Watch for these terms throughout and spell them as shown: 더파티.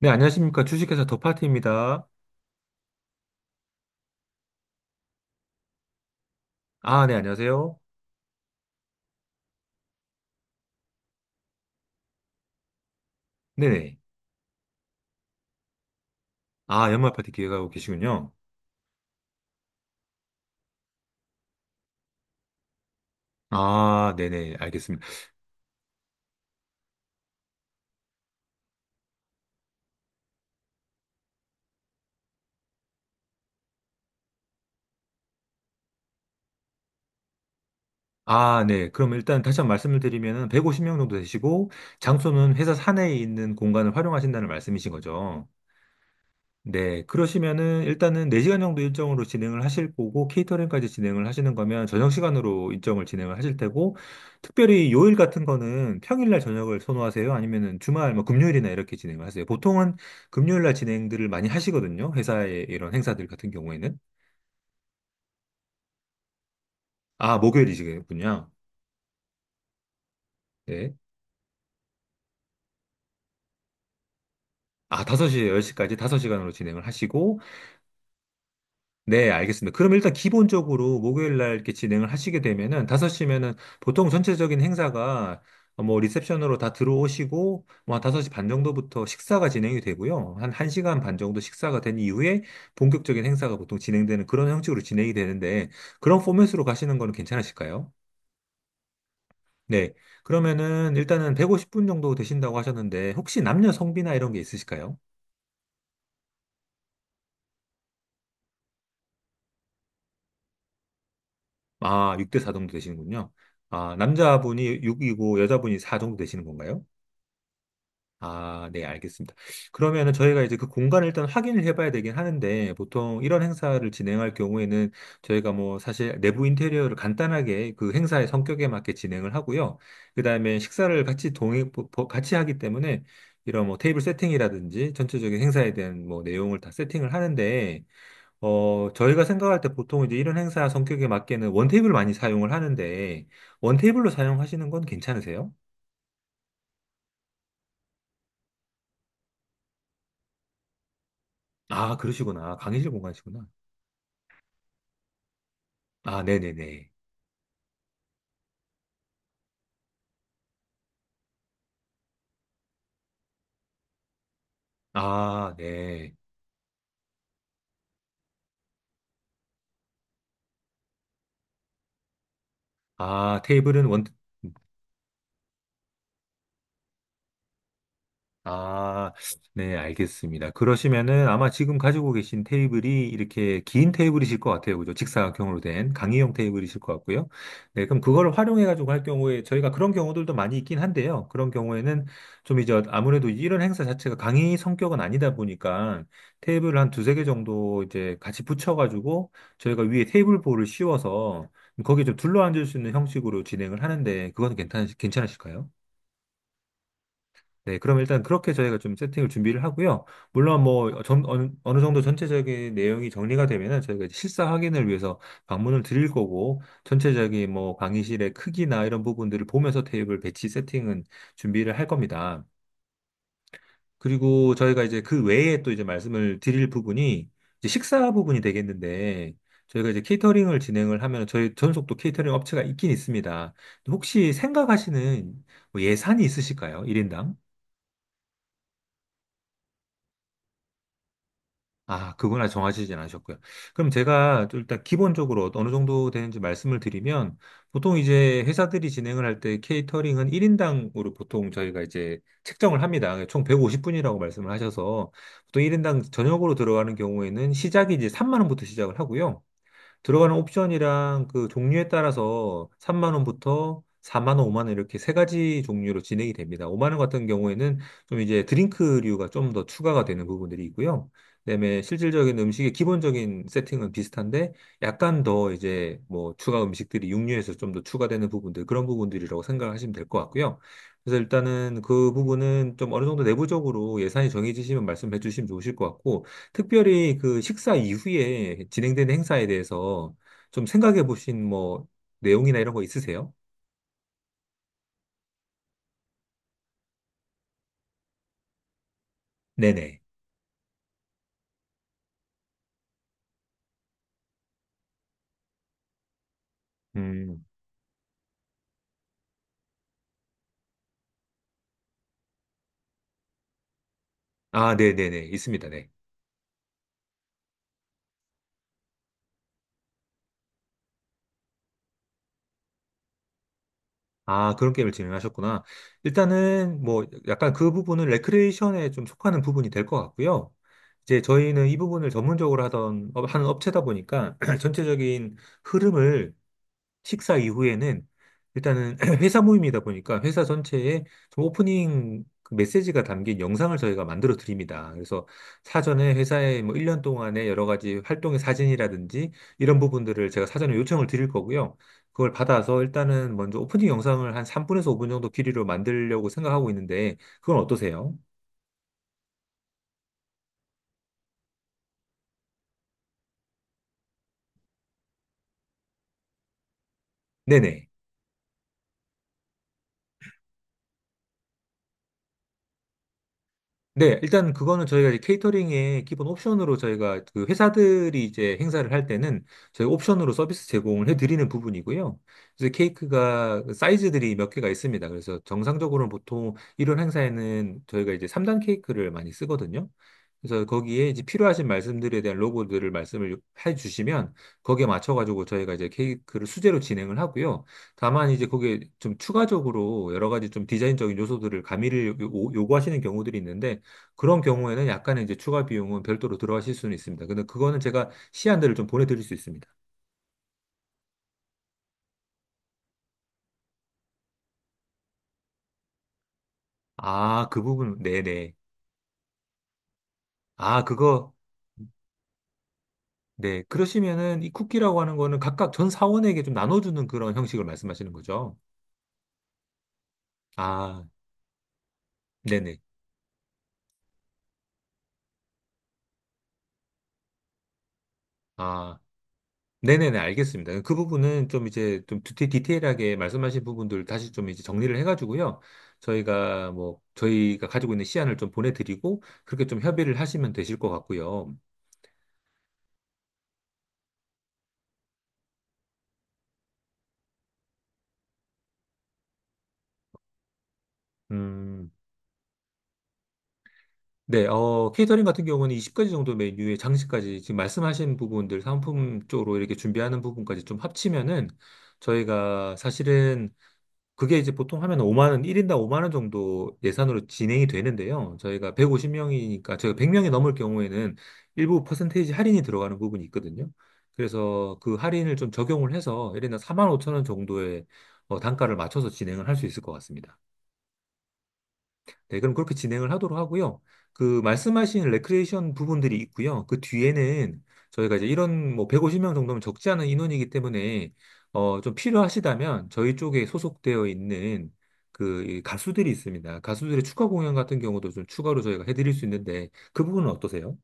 네, 안녕하십니까. 주식회사 더파티입니다. 아, 네, 안녕하세요. 네네. 아, 연말 파티 기획하고 계시군요. 아, 네네, 알겠습니다. 아, 네. 그럼 일단 다시 한번 말씀을 드리면은 150명 정도 되시고, 장소는 회사 사내에 있는 공간을 활용하신다는 말씀이신 거죠. 네, 그러시면은 일단은 4시간 정도 일정으로 진행을 하실 거고, 케이터링까지 진행을 하시는 거면 저녁 시간으로 일정을 진행을 하실 테고, 특별히 요일 같은 거는 평일날 저녁을 선호하세요? 아니면은 주말, 뭐 금요일이나 이렇게 진행을 하세요? 보통은 금요일날 진행들을 많이 하시거든요. 회사의 이런 행사들 같은 경우에는. 아, 목요일이시군요. 네. 아, 5시에 10시까지 5시간으로 진행을 하시고, 네, 알겠습니다. 그럼 일단 기본적으로 목요일 날 이렇게 진행을 하시게 되면은 5시면은 보통 전체적인 행사가 뭐 리셉션으로 다 들어오시고 뭐한 5시 반 정도부터 식사가 진행이 되고요. 한 1시간 반 정도 식사가 된 이후에 본격적인 행사가 보통 진행되는 그런 형식으로 진행이 되는데 그런 포맷으로 가시는 거는 괜찮으실까요? 네. 그러면은 일단은 150분 정도 되신다고 하셨는데 혹시 남녀 성비나 이런 게 있으실까요? 아, 6대 4 정도 되시는군요. 아, 남자분이 6이고 여자분이 4 정도 되시는 건가요? 아, 네, 알겠습니다. 그러면은 저희가 이제 그 공간을 일단 확인을 해봐야 되긴 하는데, 보통 이런 행사를 진행할 경우에는 저희가 뭐 사실 내부 인테리어를 간단하게 그 행사의 성격에 맞게 진행을 하고요. 그 다음에 식사를 같이 동행, 같이 하기 때문에 이런 뭐 테이블 세팅이라든지 전체적인 행사에 대한 뭐 내용을 다 세팅을 하는데, 어, 저희가 생각할 때 보통 이제 이런 행사 성격에 맞게는 원테이블 많이 사용을 하는데, 원테이블로 사용하시는 건 괜찮으세요? 아, 그러시구나. 강의실 공간이시구나. 아, 네네네. 아, 네. 아, 테이블은 원 아, 네, 알겠습니다. 그러시면은 아마 지금 가지고 계신 테이블이 이렇게 긴 테이블이실 것 같아요. 그죠? 직사각형으로 된 강의용 테이블이실 것 같고요. 네, 그럼 그걸 활용해가지고 할 경우에 저희가 그런 경우들도 많이 있긴 한데요. 그런 경우에는 좀 이제 아무래도 이런 행사 자체가 강의 성격은 아니다 보니까 테이블을 한 두세 개 정도 이제 같이 붙여가지고 저희가 위에 테이블보를 씌워서 거기에 좀 둘러앉을 수 있는 형식으로 진행을 하는데 그건 괜찮으실까요? 네, 그럼 일단 그렇게 저희가 좀 세팅을 준비를 하고요. 물론 뭐 어느 정도 전체적인 내용이 정리가 되면은 저희가 이제 실사 확인을 위해서 방문을 드릴 거고 전체적인 뭐 강의실의 크기나 이런 부분들을 보면서 테이블 배치 세팅은 준비를 할 겁니다. 그리고 저희가 이제 그 외에 또 이제 말씀을 드릴 부분이 이제 식사 부분이 되겠는데 저희가 이제 케이터링을 진행을 하면 저희 전속 도 케이터링 업체가 있긴 있습니다. 혹시 생각하시는 뭐 예산이 있으실까요? 일인당 아, 그거나 정하시진 않으셨고요. 그럼 제가 좀 일단 기본적으로 어느 정도 되는지 말씀을 드리면, 보통 이제 회사들이 진행을 할 때 케이터링은 1인당으로 보통 저희가 이제 책정을 합니다. 그러니까 총 150분이라고 말씀을 하셔서, 보통 1인당 저녁으로 들어가는 경우에는 시작이 이제 3만 원부터 시작을 하고요. 들어가는 옵션이랑 그 종류에 따라서 3만 원부터 4만 원, 5만 원 이렇게 세 가지 종류로 진행이 됩니다. 5만 원 같은 경우에는 좀 이제 드링크류가 좀 더 추가가 되는 부분들이 있고요. 그다음에 실질적인 음식의 기본적인 세팅은 비슷한데 약간 더 이제 뭐 추가 음식들이 육류에서 좀 더 추가되는 부분들 그런 부분들이라고 생각하시면 될 것 같고요. 그래서 일단은 그 부분은 좀 어느 정도 내부적으로 예산이 정해지시면 말씀해 주시면 좋으실 것 같고 특별히 그 식사 이후에 진행되는 행사에 대해서 좀 생각해 보신 뭐 내용이나 이런 거 있으세요? 네네. 음. 아, 네네네. 있습니다. 네. 아, 그런 게임을 진행하셨구나. 일단은 뭐 약간 그 부분은 레크레이션에 좀 속하는 부분이 될 것 같고요. 이제 저희는 이 부분을 전문적으로 하던, 하는 업체다 보니까 전체적인 흐름을 식사 이후에는 일단은 회사 모임이다 보니까 회사 전체에 좀 오프닝 그 메시지가 담긴 영상을 저희가 만들어 드립니다. 그래서 사전에 회사의 뭐 1년 동안의 여러 가지 활동의 사진이라든지 이런 부분들을 제가 사전에 요청을 드릴 거고요. 그걸 받아서 일단은 먼저 오프닝 영상을 한 3분에서 5분 정도 길이로 만들려고 생각하고 있는데 그건 어떠세요? 네네. 네, 일단 그거는 저희가 이제 케이터링의 기본 옵션으로 저희가 그 회사들이 이제 행사를 할 때는 저희 옵션으로 서비스 제공을 해드리는 부분이고요. 그래서 케이크가 그 사이즈들이 몇 개가 있습니다. 그래서 정상적으로는 보통 이런 행사에는 저희가 이제 3단 케이크를 많이 쓰거든요. 그래서 거기에 이제 필요하신 말씀들에 대한 로고들을 말씀을 해주시면 거기에 맞춰가지고 저희가 이제 케이크를 수제로 진행을 하고요. 다만 이제 거기에 좀 추가적으로 여러 가지 좀 디자인적인 요소들을 가미를 요구하시는 경우들이 있는데 그런 경우에는 약간의 이제 추가 비용은 별도로 들어가실 수는 있습니다. 근데 그거는 제가 시안들을 좀 보내드릴 수 있습니다. 아, 그 부분, 네네. 아, 그거, 네. 그러시면은 이 쿠키라고 하는 거는 각각 전 사원에게 좀 나눠주는 그런 형식을 말씀하시는 거죠. 아, 네네. 아, 네네네. 알겠습니다. 그 부분은 좀 이제 좀 디테일하게 말씀하신 부분들 다시 좀 이제 정리를 해가지고요. 저희가 저희가 가지고 있는 시안을 좀 보내드리고, 그렇게 좀 협의를 하시면 되실 것 같고요. 음. 네, 어, 케이터링 같은 경우는 20가지 정도 메뉴에 장식까지 지금 말씀하신 부분들 상품 쪽으로 이렇게 준비하는 부분까지 좀 합치면은 저희가 사실은 그게 이제 보통 하면 5만 원, 1인당 5만 원 정도 예산으로 진행이 되는데요. 저희가 150명이니까 저희가 100명이 넘을 경우에는 일부 퍼센테이지 할인이 들어가는 부분이 있거든요. 그래서 그 할인을 좀 적용을 해서 1인당 4만 5천 원 정도의 어, 단가를 맞춰서 진행을 할 수 있을 것 같습니다. 네, 그럼 그렇게 진행을 하도록 하고요. 그 말씀하신 레크레이션 부분들이 있고요. 그 뒤에는 저희가 이제 이런 뭐 150명 정도면 적지 않은 인원이기 때문에 어, 좀 필요하시다면 저희 쪽에 소속되어 있는 그이 가수들이 있습니다. 가수들의 축하 공연 같은 경우도 좀 추가로 저희가 해드릴 수 있는데 그 부분은 어떠세요?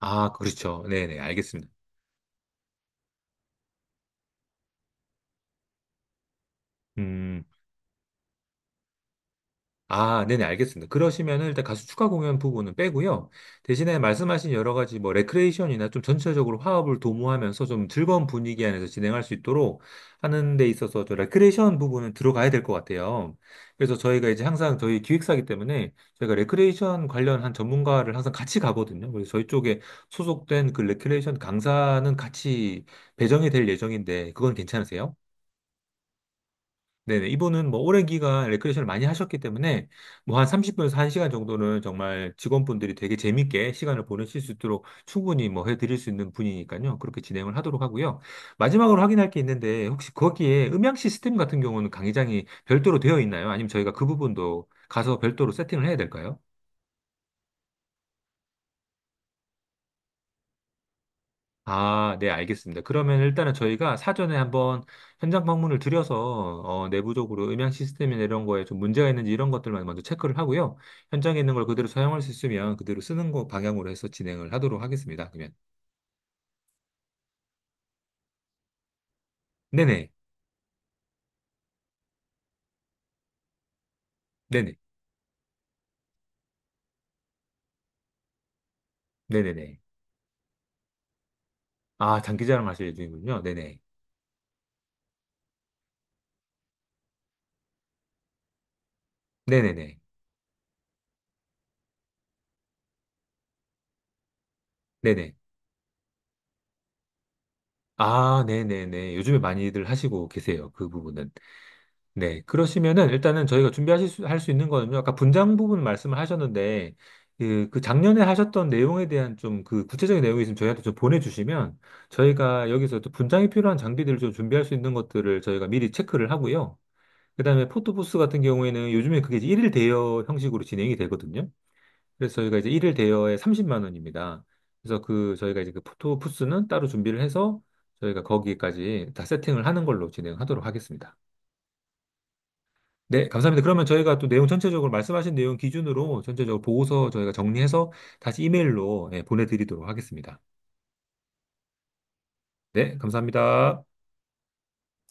아, 그렇죠. 네네, 알겠습니다. 음. 아, 네네, 알겠습니다. 그러시면은 일단 가수 추가 공연 부분은 빼고요. 대신에 말씀하신 여러 가지 뭐 레크레이션이나 좀 전체적으로 화합을 도모하면서 좀 즐거운 분위기 안에서 진행할 수 있도록 하는 데 있어서 저 레크레이션 부분은 들어가야 될 것 같아요. 그래서 저희가 이제 항상 저희 기획사이기 때문에 저희가 레크레이션 관련한 전문가를 항상 같이 가거든요. 그래서 저희 쪽에 소속된 그 레크레이션 강사는 같이 배정이 될 예정인데 그건 괜찮으세요? 네네. 이분은 뭐 오랜 기간 레크레이션을 많이 하셨기 때문에 뭐 한 30분에서 1시간 정도는 정말 직원분들이 되게 재밌게 시간을 보내실 수 있도록 충분히 뭐 해드릴 수 있는 분이니까요. 그렇게 진행을 하도록 하고요. 마지막으로 확인할 게 있는데 혹시 거기에 음향 시스템 같은 경우는 강의장이 별도로 되어 있나요? 아니면 저희가 그 부분도 가서 별도로 세팅을 해야 될까요? 아, 네, 알겠습니다. 그러면 일단은 저희가 사전에 한번 현장 방문을 드려서 어, 내부적으로 음향 시스템이나 이런 거에 좀 문제가 있는지 이런 것들만 먼저 체크를 하고요. 현장에 있는 걸 그대로 사용할 수 있으면 그대로 쓰는 거 방향으로 해서 진행을 하도록 하겠습니다. 그러면 네네, 네네, 네네네. 아, 장기자랑 하실 예정이군요. 네네, 네네네, 네네. 아, 네네네. 요즘에 많이들 하시고 계세요. 그 부분은. 네, 그러시면은 일단은 저희가 할 수 있는 거는요. 아까 분장 부분 말씀을 하셨는데 그 작년에 하셨던 내용에 대한 좀 그 구체적인 내용이 있으면 저희한테 좀 보내주시면 저희가 여기서 또 분장이 필요한 장비들을 좀 준비할 수 있는 것들을 저희가 미리 체크를 하고요. 그다음에 포토부스 같은 경우에는 요즘에 그게 이제 1일 대여 형식으로 진행이 되거든요. 그래서 저희가 이제 1일 대여에 30만 원입니다. 그래서 그 저희가 이제 그 포토부스는 따로 준비를 해서 저희가 거기까지 다 세팅을 하는 걸로 진행하도록 하겠습니다. 네, 감사합니다. 그러면 저희가 또 내용 전체적으로 말씀하신 내용 기준으로 전체적으로 보고서 저희가 정리해서 다시 이메일로 예, 보내드리도록 하겠습니다. 네, 감사합니다.